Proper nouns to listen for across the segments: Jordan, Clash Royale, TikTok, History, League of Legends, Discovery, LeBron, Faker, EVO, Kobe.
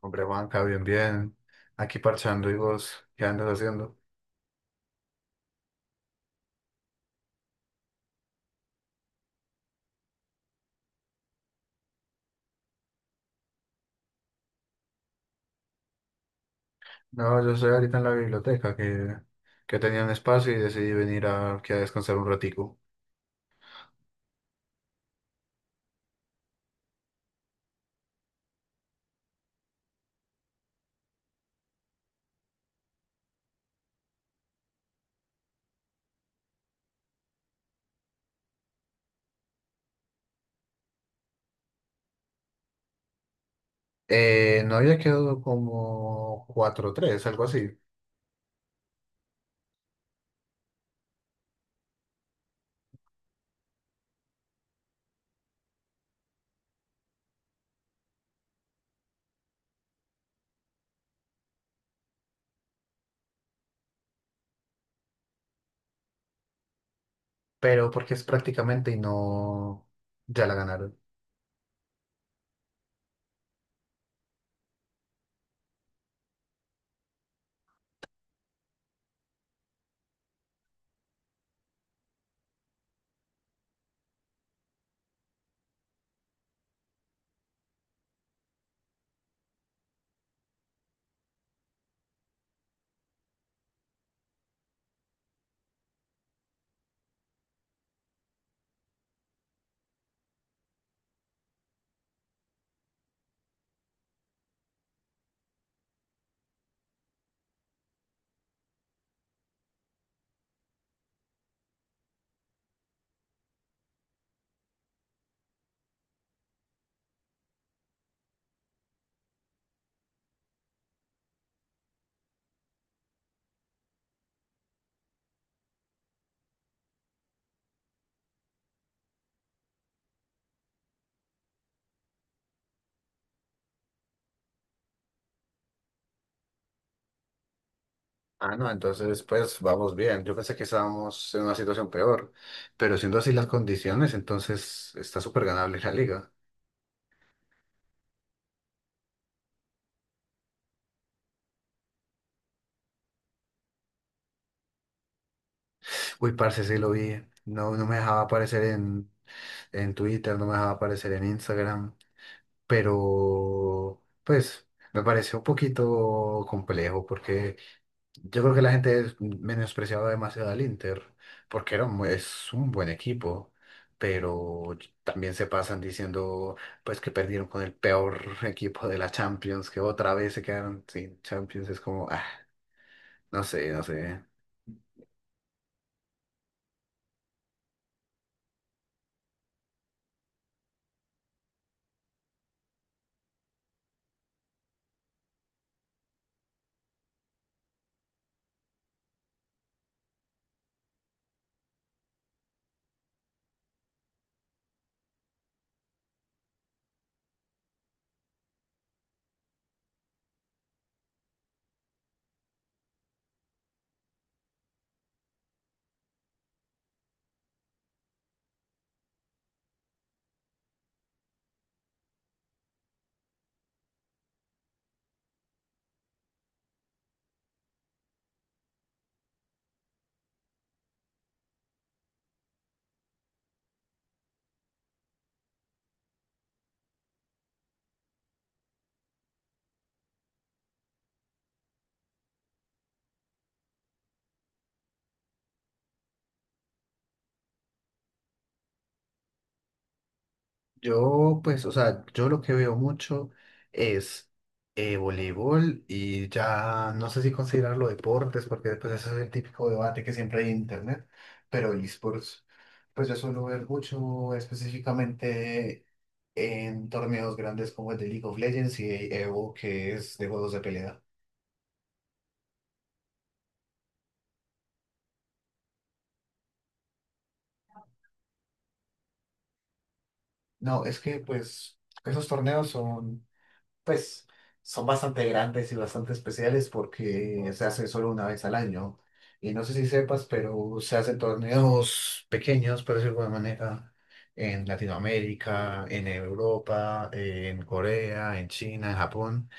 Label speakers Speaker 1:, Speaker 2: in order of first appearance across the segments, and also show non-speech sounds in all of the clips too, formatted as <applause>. Speaker 1: Hombre, Juanca, bien, bien. Aquí parchando y vos, ¿qué andas haciendo? No, yo estoy ahorita en la biblioteca que tenía un espacio y decidí venir aquí a descansar un ratico. No había quedado como cuatro tres, algo así, pero porque es prácticamente y no, ya la ganaron. Ah, no, entonces pues vamos bien. Yo pensé que estábamos en una situación peor, pero siendo así las condiciones, entonces está súper ganable la liga. Uy, parce, sí lo vi. No, no me dejaba aparecer en Twitter, no me dejaba aparecer en Instagram, pero pues me pareció un poquito complejo porque yo creo que menospreciaba demasiado al Inter, porque es un buen equipo, pero también se pasan diciendo pues que perdieron con el peor <laughs> equipo de la Champions, que otra vez se quedaron sin Champions, es como, ah, no sé, no sé. Yo, pues, o sea, yo lo que veo mucho es voleibol y ya no sé si considerarlo deportes, porque después ese es el típico debate que siempre hay en internet, pero esports, pues yo suelo ver mucho específicamente en torneos grandes como el de League of Legends y de EVO, que es de juegos de pelea. No, es que pues esos torneos son pues son bastante grandes y bastante especiales porque se hace solo una vez al año. Y no sé si sepas, pero se hacen torneos pequeños, por decirlo de alguna manera, en Latinoamérica, en Europa, en Corea, en China, en Japón.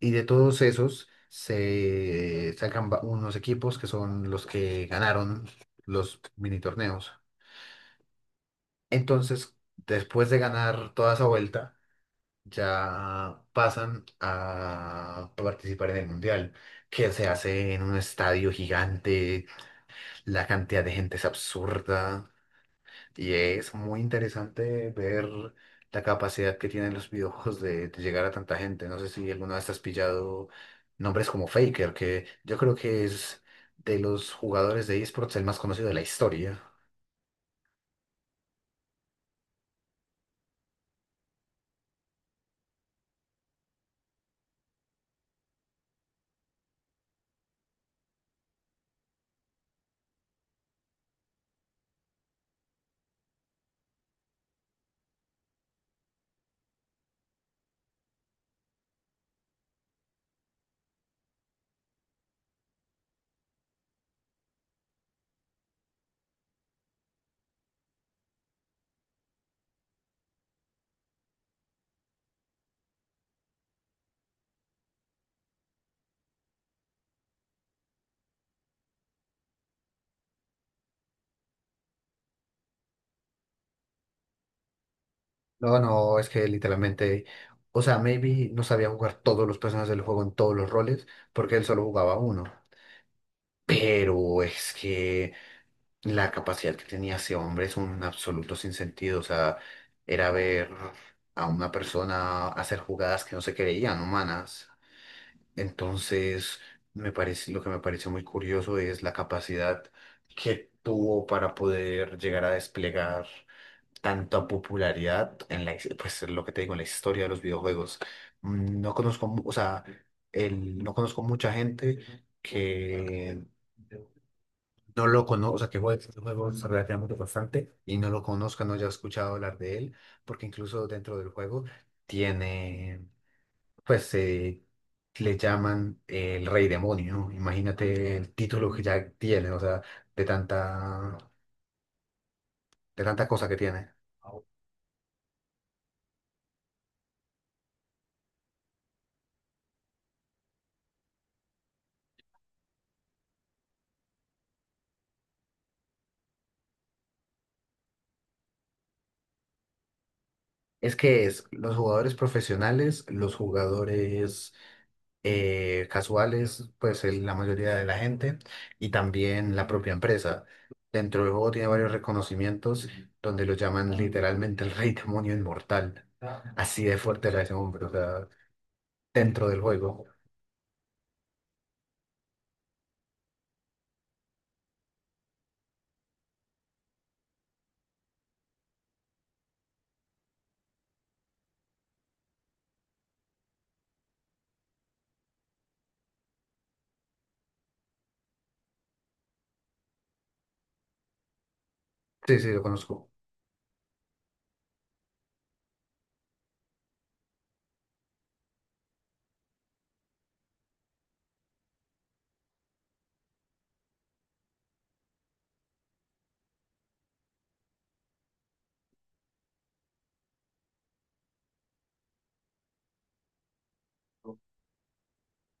Speaker 1: Y de todos esos se sacan unos equipos que son los que ganaron los mini torneos. Entonces, después de ganar toda esa vuelta, ya pasan a participar en el mundial, que se hace en un estadio gigante, la cantidad de gente es absurda y es muy interesante ver la capacidad que tienen los videojuegos de llegar a tanta gente. No sé si alguna vez has pillado nombres como Faker, que yo creo que es de los jugadores de esports el más conocido de la historia. No, no, es que literalmente, o sea, maybe no sabía jugar todos los personajes del juego en todos los roles, porque él solo jugaba uno. Pero es que la capacidad que tenía ese hombre es un absoluto sinsentido. O sea, era ver a una persona hacer jugadas que no se creían humanas. Entonces, me parece, lo que me pareció muy curioso es la capacidad que tuvo para poder llegar a desplegar tanta popularidad en pues lo que te digo, en la historia de los videojuegos. No conozco, o sea, no conozco mucha gente que no lo conozca, o sea, que juegue este juego relativamente bastante y no lo conozca, no haya escuchado hablar de él, porque incluso dentro del juego tiene, pues, le llaman el Rey Demonio. Imagínate el título que ya tiene, o sea, de tanta, de tanta cosa que tiene. Es que es los jugadores profesionales, los jugadores casuales, pues la mayoría de la gente, y también la propia empresa. Dentro del juego tiene varios reconocimientos donde lo llaman literalmente el rey demonio inmortal. Así de fuerte era ese hombre, o sea, dentro del juego. Sí, sí, lo conozco.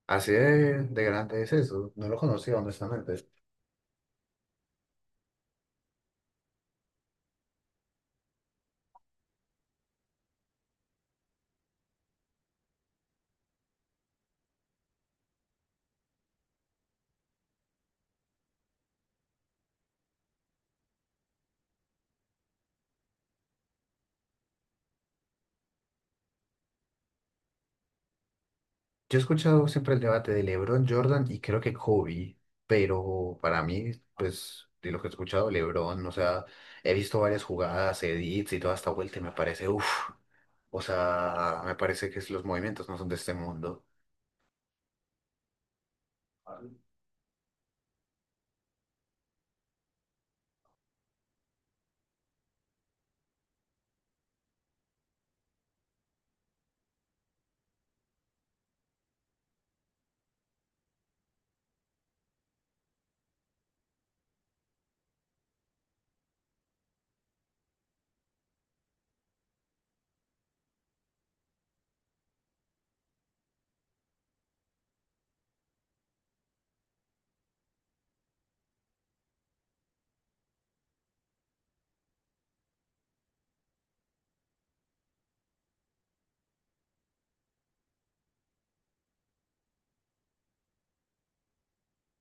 Speaker 1: Así de grande es eso. No lo conocía, honestamente. Yo he escuchado siempre el debate de LeBron, Jordan y creo que Kobe, pero para mí, pues, de lo que he escuchado, LeBron, o sea, he visto varias jugadas, edits y toda esta vuelta y me parece, uff, o sea, me parece los movimientos no son de este mundo.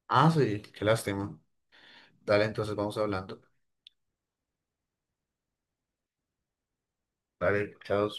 Speaker 1: Ah, sí, qué lástima. Dale, entonces vamos hablando. Dale, chao.